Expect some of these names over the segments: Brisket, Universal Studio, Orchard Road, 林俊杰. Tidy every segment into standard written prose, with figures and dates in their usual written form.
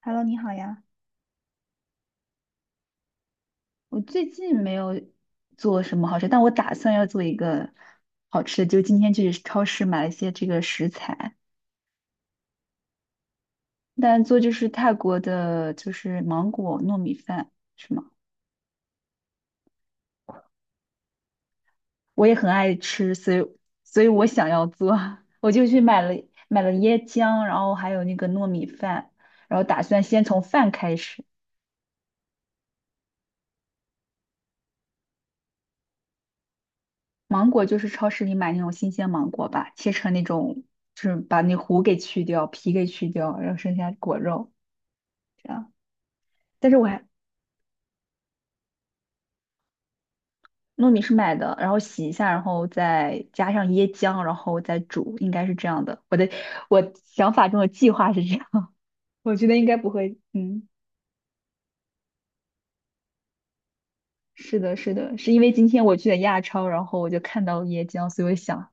Hello，你好呀。我最近没有做什么好吃，但我打算要做一个好吃的，就今天去超市买了一些这个食材，但做就是泰国的，就是芒果糯米饭，是吗？我也很爱吃，所以我想要做，我就去买了椰浆，然后还有那个糯米饭，然后打算先从饭开始。芒果就是超市里买那种新鲜芒果吧，切成那种，就是把那核给去掉，皮给去掉，然后剩下果肉。这样。但是我还糯米是买的，然后洗一下，然后再加上椰浆，然后再煮，应该是这样的。我想法中的计划是这样，我觉得应该不会。嗯，是的，是的，是因为今天我去了亚超，然后我就看到了椰浆，所以我想，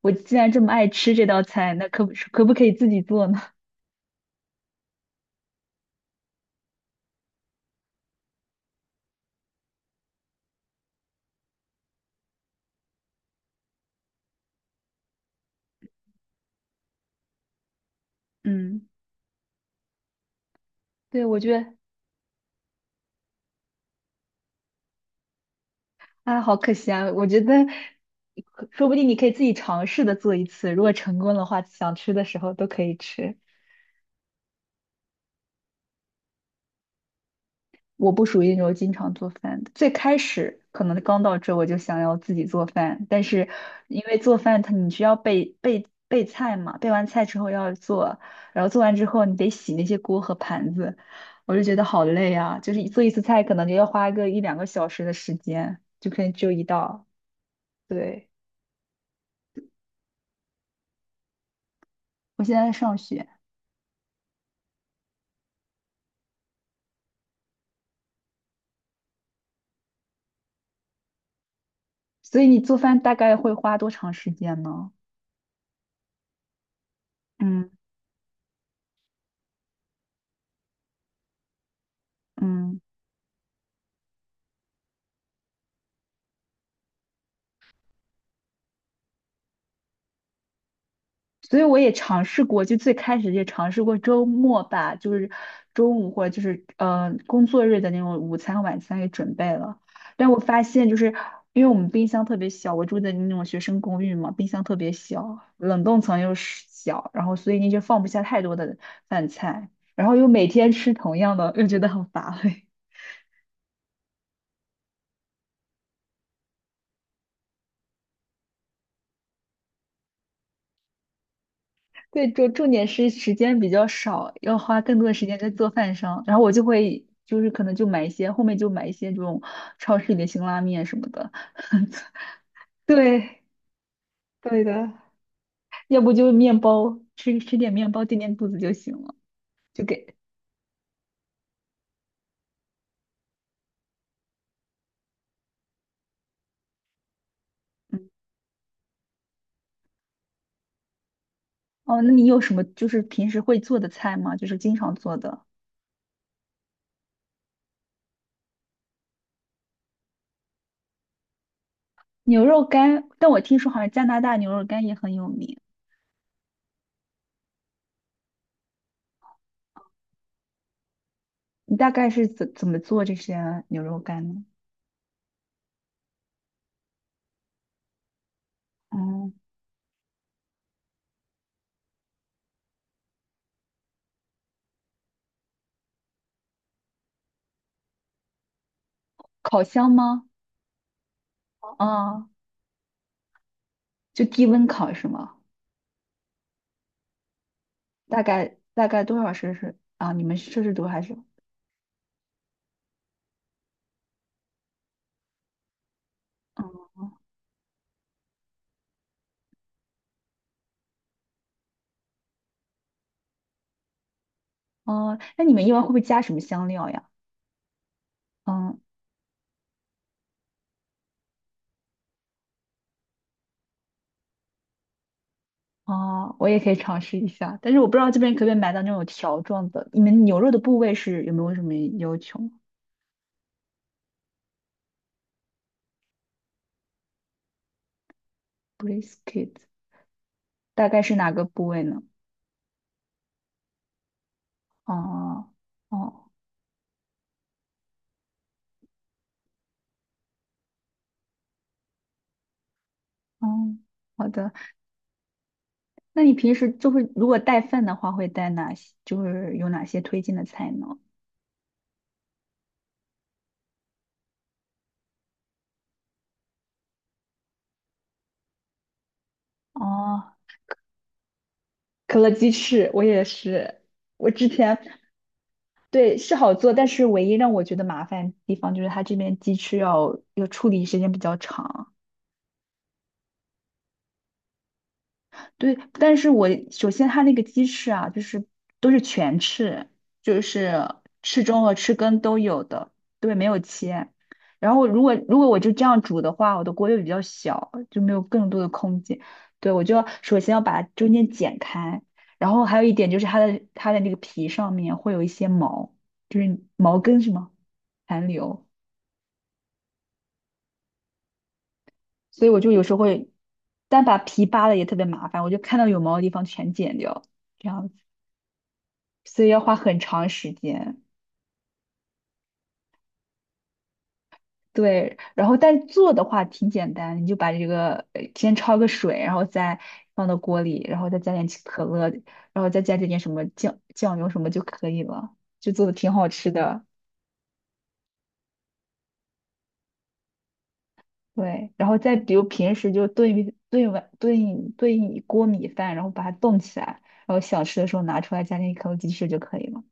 我既然这么爱吃这道菜，那可不可以自己做呢？嗯，对，我觉得啊，好可惜啊，我觉得。说不定你可以自己尝试的做一次，如果成功的话，想吃的时候都可以吃。我不属于那种经常做饭的。最开始可能刚到这，我就想要自己做饭，但是因为做饭它你需要备菜嘛，备完菜之后要做，然后做完之后你得洗那些锅和盘子，我就觉得好累啊！就是做一次菜可能就要花个一两个小时的时间，就可能只有一道。对，我现在在上学，所以你做饭大概会花多长时间呢？嗯嗯。所以我也尝试过，就最开始也尝试过周末吧，就是中午或者就是工作日的那种午餐、晚餐给准备了。但我发现就是因为我们冰箱特别小，我住的那种学生公寓嘛，冰箱特别小，冷冻层又是小，然后所以你就放不下太多的饭菜，然后又每天吃同样的，又觉得很乏味。对，重点是时间比较少，要花更多的时间在做饭上。然后我就会就是可能就买一些，后面就买一些这种超市里的辛拉面什么的。对，对的，要不就面包，吃点面包垫垫肚子就行了，就给。嗯，哦，那你有什么就是平时会做的菜吗？就是经常做的牛肉干，但我听说好像加拿大牛肉干也很有名。你大概是怎么做这些牛肉干呢？哦，烤箱吗？啊，就低温烤是吗？大概多少摄氏啊？你们是摄氏度还是？嗯哦，那你们一般会不会加什么香料呀？嗯哦，我也可以尝试一下，但是我不知道这边可不可以买到那种条状的。你们牛肉的部位是有没有什么要求？Brisket 大概是哪个部位呢？哦哦哦，好的。那你平时就会如果带饭的话，会带哪些？就是有哪些推荐的菜呢？哦，可乐鸡翅，我也是。我之前对，是好做，但是唯一让我觉得麻烦的地方就是它这边鸡翅要处理时间比较长。对，但是我首先它那个鸡翅啊，就是都是全翅，就是翅中和翅根都有的，对，没有切。然后如果我就这样煮的话，我的锅又比较小，就没有更多的空间。对，我就要首先要把中间剪开，然后还有一点就是它的那个皮上面会有一些毛，就是毛根什么残留。所以我就有时候会，但把皮扒了也特别麻烦，我就看到有毛的地方全剪掉，这样子，所以要花很长时间。对，然后但做的话挺简单，你就把这个先焯个水，然后再放到锅里，然后再加点起可乐，然后再加这点什么酱油什么就可以了，就做的挺好吃的。对，然后再比如平时就炖一炖一锅米饭，然后把它冻起来，然后想吃的时候拿出来加点可乐鸡翅就可以了。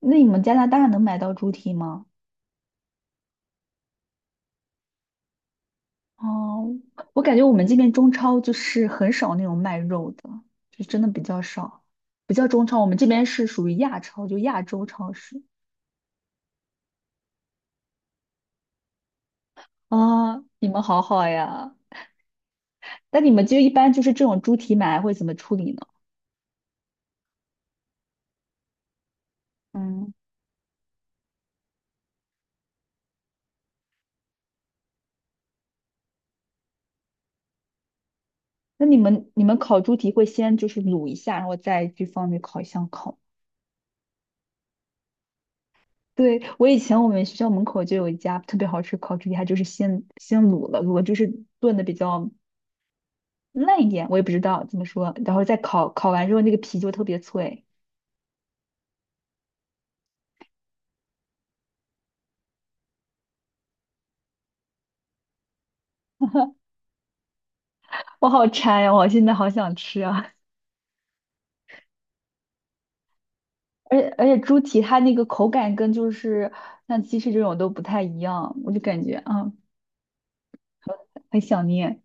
那你们加拿大能买到猪蹄吗？哦，我感觉我们这边中超就是很少那种卖肉的，就真的比较少，不叫中超，我们这边是属于亚超，就亚洲超市。啊，你们好好呀。那你们就一般就是这种猪蹄买来会怎么处理呢？嗯，那你们烤猪蹄会先就是卤一下，然后再去放那烤箱烤。对，我以前我们学校门口就有一家特别好吃烤猪蹄，它就是先卤了，卤了就是炖的比较烂一点，我也不知道怎么说。然后再烤，烤完之后那个皮就特别脆，我好馋呀、我现在好想吃啊！而且猪蹄它那个口感跟就是像鸡翅这种都不太一样，我就感觉啊很想念。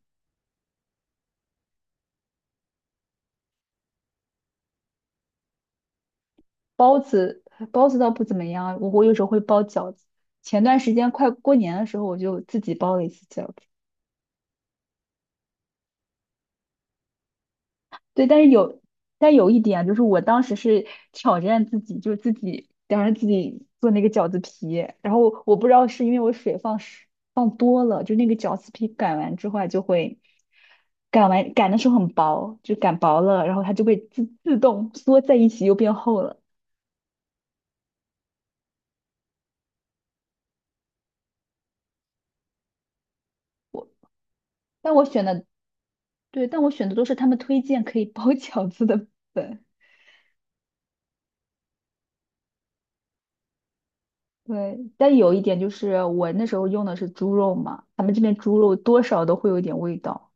包子包子倒不怎么样，我有时候会包饺子。前段时间快过年的时候，我就自己包了一次饺子。对，但是有，但有一点啊就是我当时是挑战自己，就是自己当时自己做那个饺子皮，然后我不知道是因为我水放是放多了，就那个饺子皮擀完之后它就会擀的时候很薄，就擀薄了，然后它就会自动缩在一起又变厚了。但我选的对，但我选的都是他们推荐可以包 饺子的粉。对，但有一点就是我那时候用的是猪肉嘛，他们这边猪肉多少都会有一点味道。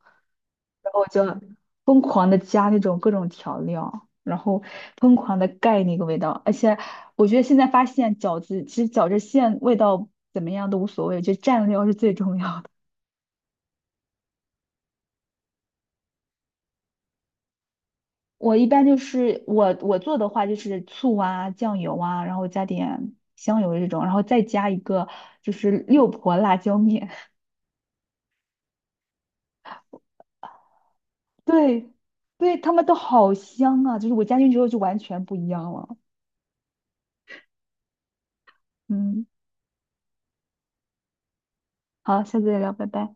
然后我就疯狂的加那种各种调料，然后疯狂的盖那个味道。而且我觉得现在发现其实饺子馅味道怎么样都无所谓，就蘸料是最重要的。我一般就是我做的话就是醋啊、酱油啊，然后加点香油这种，然后再加一个就是六婆辣椒面。对，对，他们都好香啊！就是我加进去之后就完全不一样了。嗯，好，下次再聊，拜拜。